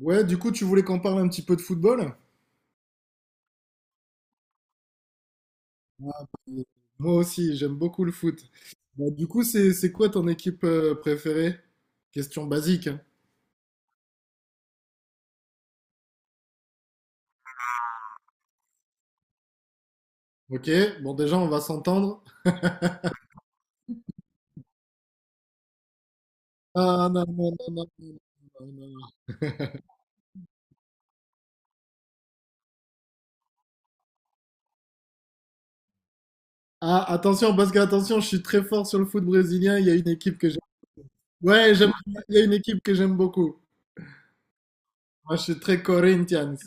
Ouais, du coup, tu voulais qu'on parle un petit peu de football? Ah, bah, moi aussi, j'aime beaucoup le foot. Bah, du coup, c'est quoi ton équipe préférée? Question basique, hein. Ok, bon déjà, on va s'entendre. Ah non, non, non, non, non, non, non, non. Ah, attention, parce que attention, je suis très fort sur le foot brésilien. Il y a une équipe que j'aime. Ouais, il y a une équipe que j'aime beaucoup. Moi, je suis très Corinthians.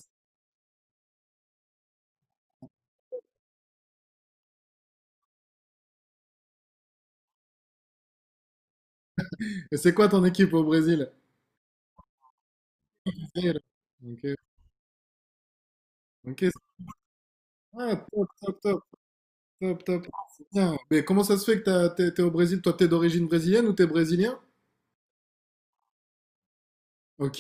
Et c'est quoi ton équipe au Brésil? Ok, ok. Ah, top, top, top. Top, top. Ah, c'est bien. Mais comment ça se fait que t'es au Brésil? Toi, t'es d'origine brésilienne ou t'es brésilien? Ok,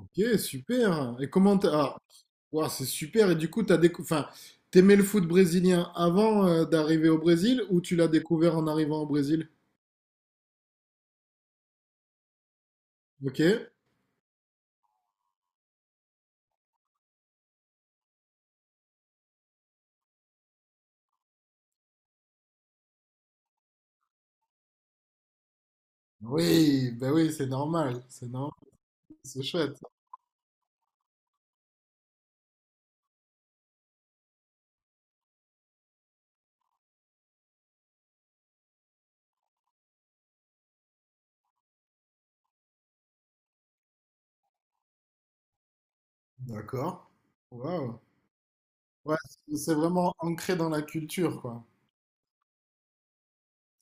ok, super. Et ah, ouah, c'est super. Et du coup, enfin, t'aimais le foot brésilien avant d'arriver au Brésil ou tu l'as découvert en arrivant au Brésil? Ok. Oui, ben oui, c'est normal. C'est normal. C'est chouette. D'accord. Waouh. Ouais, c'est vraiment ancré dans la culture, quoi.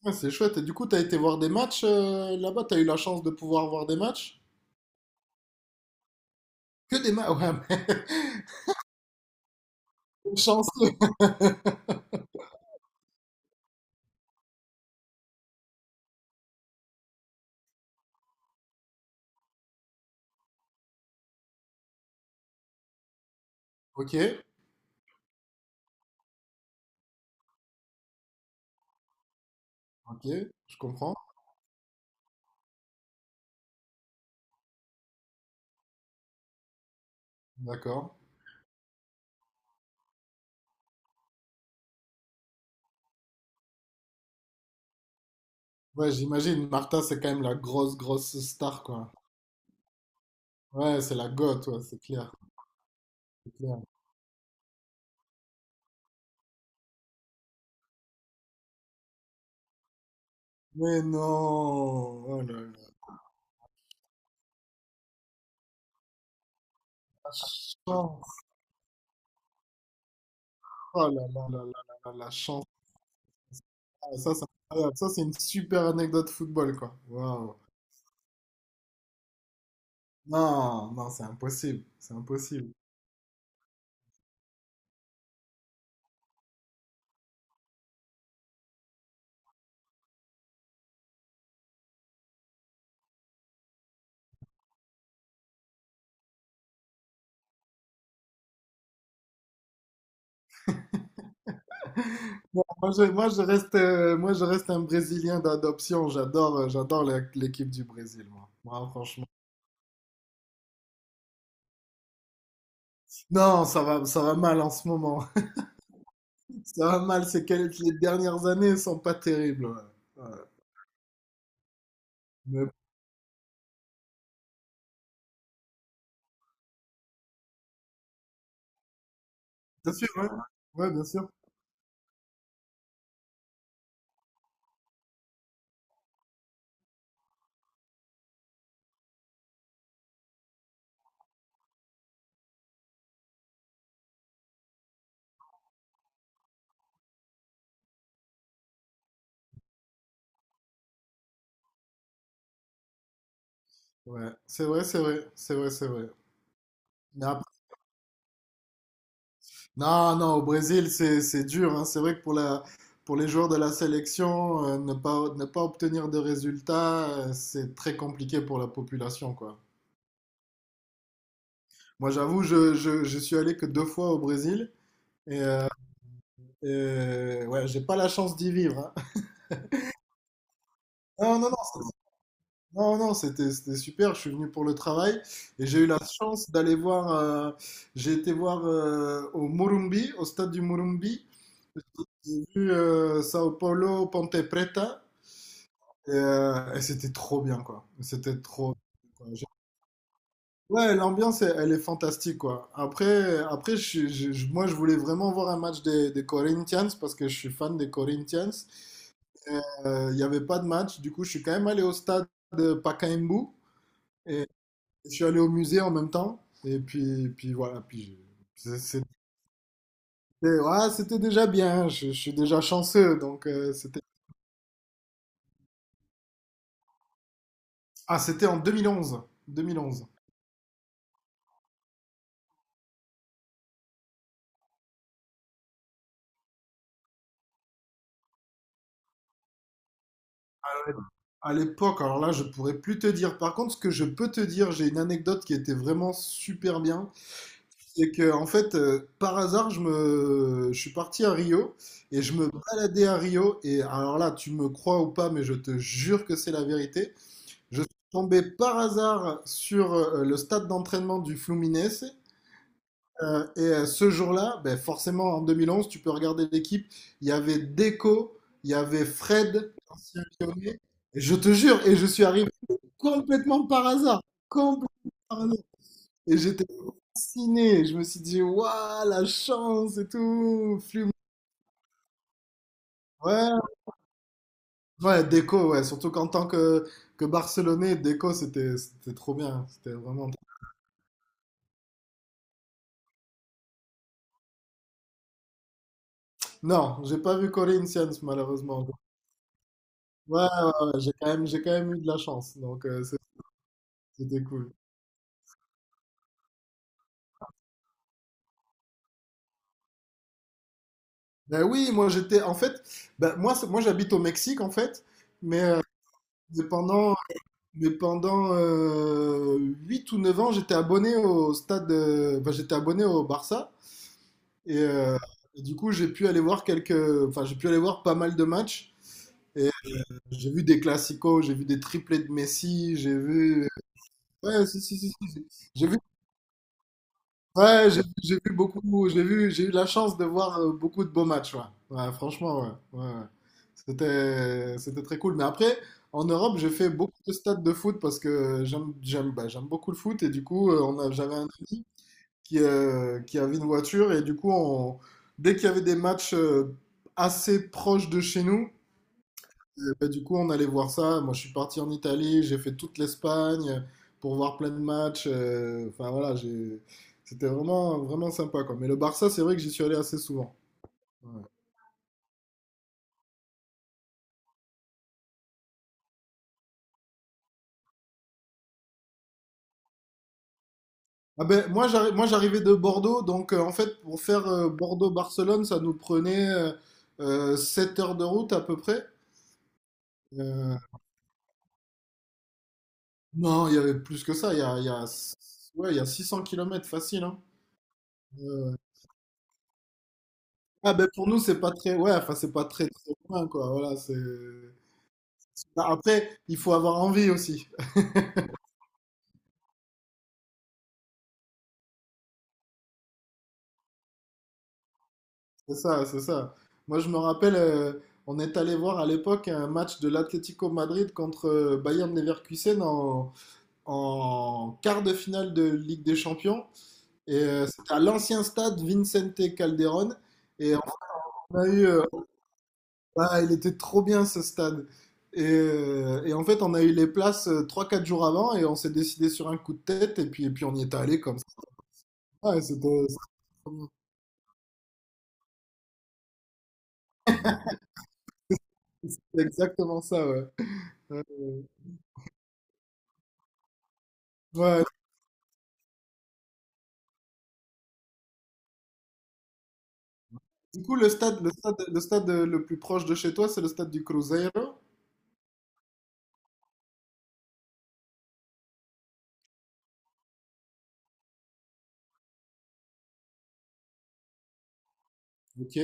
Ouais, c'est chouette. Et du coup, t'as été voir des matchs là-bas? T'as eu la chance de pouvoir voir des matchs? Que des matchs? Ouais, chanceux. Ok, ok, je comprends. D'accord. Ouais, j'imagine, Martha, c'est quand même la grosse, grosse star, quoi. Ouais, c'est la goth, ouais, c'est clair, c'est clair. Mais non! Oh là là, la chance! Oh là là là là là là, la chance! Ah, ça, c'est incroyable. Ça, c'est une super anecdote football, quoi. Waouh! Non, non, c'est impossible, c'est impossible. Bon, moi, je reste un Brésilien d'adoption. J'adore l'équipe du Brésil, moi. Moi, franchement. Non, ça va mal en ce moment. Ça va mal, c'est que les dernières années sont pas terribles, ouais. Ouais. Mais bien sûr, ouais. Ouais, bien sûr. Ouais, c'est vrai, c'est vrai, c'est vrai, c'est vrai. Mais après- Non, non, au Brésil, c'est dur, hein. C'est vrai que pour les joueurs de la sélection, ne pas obtenir de résultats, c'est très compliqué pour la population, quoi. Moi, j'avoue, je suis allé que deux fois au Brésil et, euh, et ouais, j'ai pas la chance d'y vivre, hein. Non, non, non, non, non, c'était super. Je suis venu pour le travail et j'ai eu la chance d'aller voir. J'ai été voir au Morumbi, au stade du Morumbi. J'ai vu Sao Paulo Ponte Preta et c'était trop bien, quoi. C'était trop bien, quoi. J'ai- Ouais, l'ambiance, elle est fantastique, quoi. Après je, suis- je- moi, je voulais vraiment voir un match des Corinthians parce que je suis fan des Corinthians. Il n'y avait pas de match, du coup, je suis quand même allé au stade de Pacaembu. Je suis allé au musée en même temps. Et puis voilà. Puis je- c'est- c'était ouais, c'était déjà bien. Je suis déjà chanceux. Donc c'était. Ah, c'était en 2011. 2011. À l'époque, alors là, je pourrais plus te dire. Par contre, ce que je peux te dire, j'ai une anecdote qui était vraiment super bien. C'est que, en fait, par hasard, je suis parti à Rio et je me baladais à Rio. Et alors là, tu me crois ou pas, mais je te jure que c'est la vérité. Je suis tombé par hasard sur le stade d'entraînement du Fluminense. Et ce jour-là, ben, forcément en 2011, tu peux regarder l'équipe. Il y avait Deco, il y avait Fred, ancien Lyonnais. Et je te jure, et je suis arrivé complètement par hasard. Complètement par hasard. Et j'étais fasciné. Je me suis dit, waouh, la chance et tout. Fluminense. Ouais, ouais, Deco, ouais. Surtout qu'en tant que, Barcelonais, Deco, c'était trop bien. C'était vraiment. Non, j'ai pas vu Corinthians malheureusement. Ouais, ouais, ouais, j'ai quand même eu de la chance, donc c'était cool. Ben oui, moi j'étais, en fait, ben, moi, moi j'habite au Mexique en fait, mais, euh, mais pendant, mais pendant 8 ou 9 ans, j'étais abonné au stade, j'étais abonné au Barça, et, euh, et du coup j'ai pu aller voir quelques, enfin j'ai pu aller voir pas mal de matchs, et j'ai vu des classicos, j'ai vu des triplés de Messi, j'ai vu, ouais, si, si, si, si, j'ai vu. Ouais, j'ai vu beaucoup, j'ai eu la chance de voir beaucoup de beaux matchs, ouais. Ouais, franchement, ouais, ouais, ouais. C'était très cool. Mais après, en Europe, j'ai fait beaucoup de stades de foot parce que bah, j'aime beaucoup le foot et du coup, j'avais un ami qui avait une voiture et du coup, dès qu'il y avait des matchs assez proches de chez nous, et du coup, on allait voir ça. Moi, je suis parti en Italie, j'ai fait toute l'Espagne pour voir plein de matchs. Enfin, voilà, j'ai... c'était vraiment, vraiment sympa, quoi. Mais le Barça, c'est vrai que j'y suis allé assez souvent. Ouais. Ah ben, moi, j'arrivais de Bordeaux, donc en fait, pour faire Bordeaux-Barcelone, ça nous prenait 7 heures de route à peu près. Euh, non, il y avait plus que ça. Ouais, il y a 600 kilomètres facile, hein. Ah ben, pour nous c'est pas très, ouais, enfin, c'est pas très très loin, quoi, voilà, c'est. Bah, après, il faut avoir envie aussi. C'est ça, c'est ça. Moi, je me rappelle, on est allé voir à l'époque un match de l'Atlético Madrid contre Bayern Leverkusen en quart de finale de Ligue des Champions. Et c'était à l'ancien stade Vicente Calderón. Et on a eu, euh, ah, il était trop bien ce stade. Et en fait, on a eu les places trois quatre jours avant et on s'est décidé sur un coup de tête. Et puis on y est allé comme ça. Ah, c'était exactement ça, ouais. Ouais. Du coup, le stade le plus proche de chez toi, c'est le stade du Cruzeiro. Ok,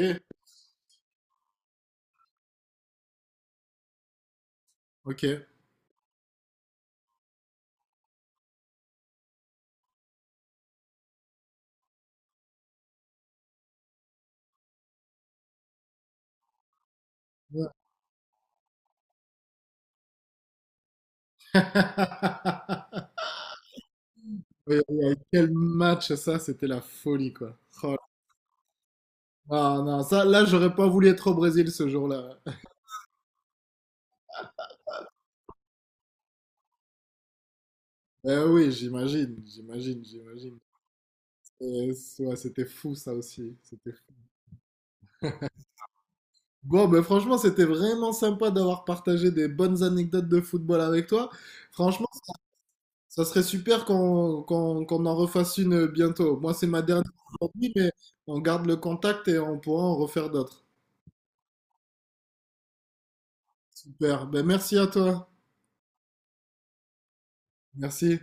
ok. Ouais. Oui, oui, oui. Quel match ça, c'était la folie quoi. Oh, non, non, ça, là, j'aurais pas voulu être au Brésil ce jour-là. Eh oui, j'imagine, j'imagine, j'imagine. Et ouais, c'était fou ça aussi. C'était fou. Bon, ben franchement, c'était vraiment sympa d'avoir partagé des bonnes anecdotes de football avec toi. Franchement. Ça serait super qu'on en refasse une bientôt. Moi, c'est ma dernière aujourd'hui, mais on garde le contact et on pourra en refaire d'autres. Super. Ben, merci à toi. Merci.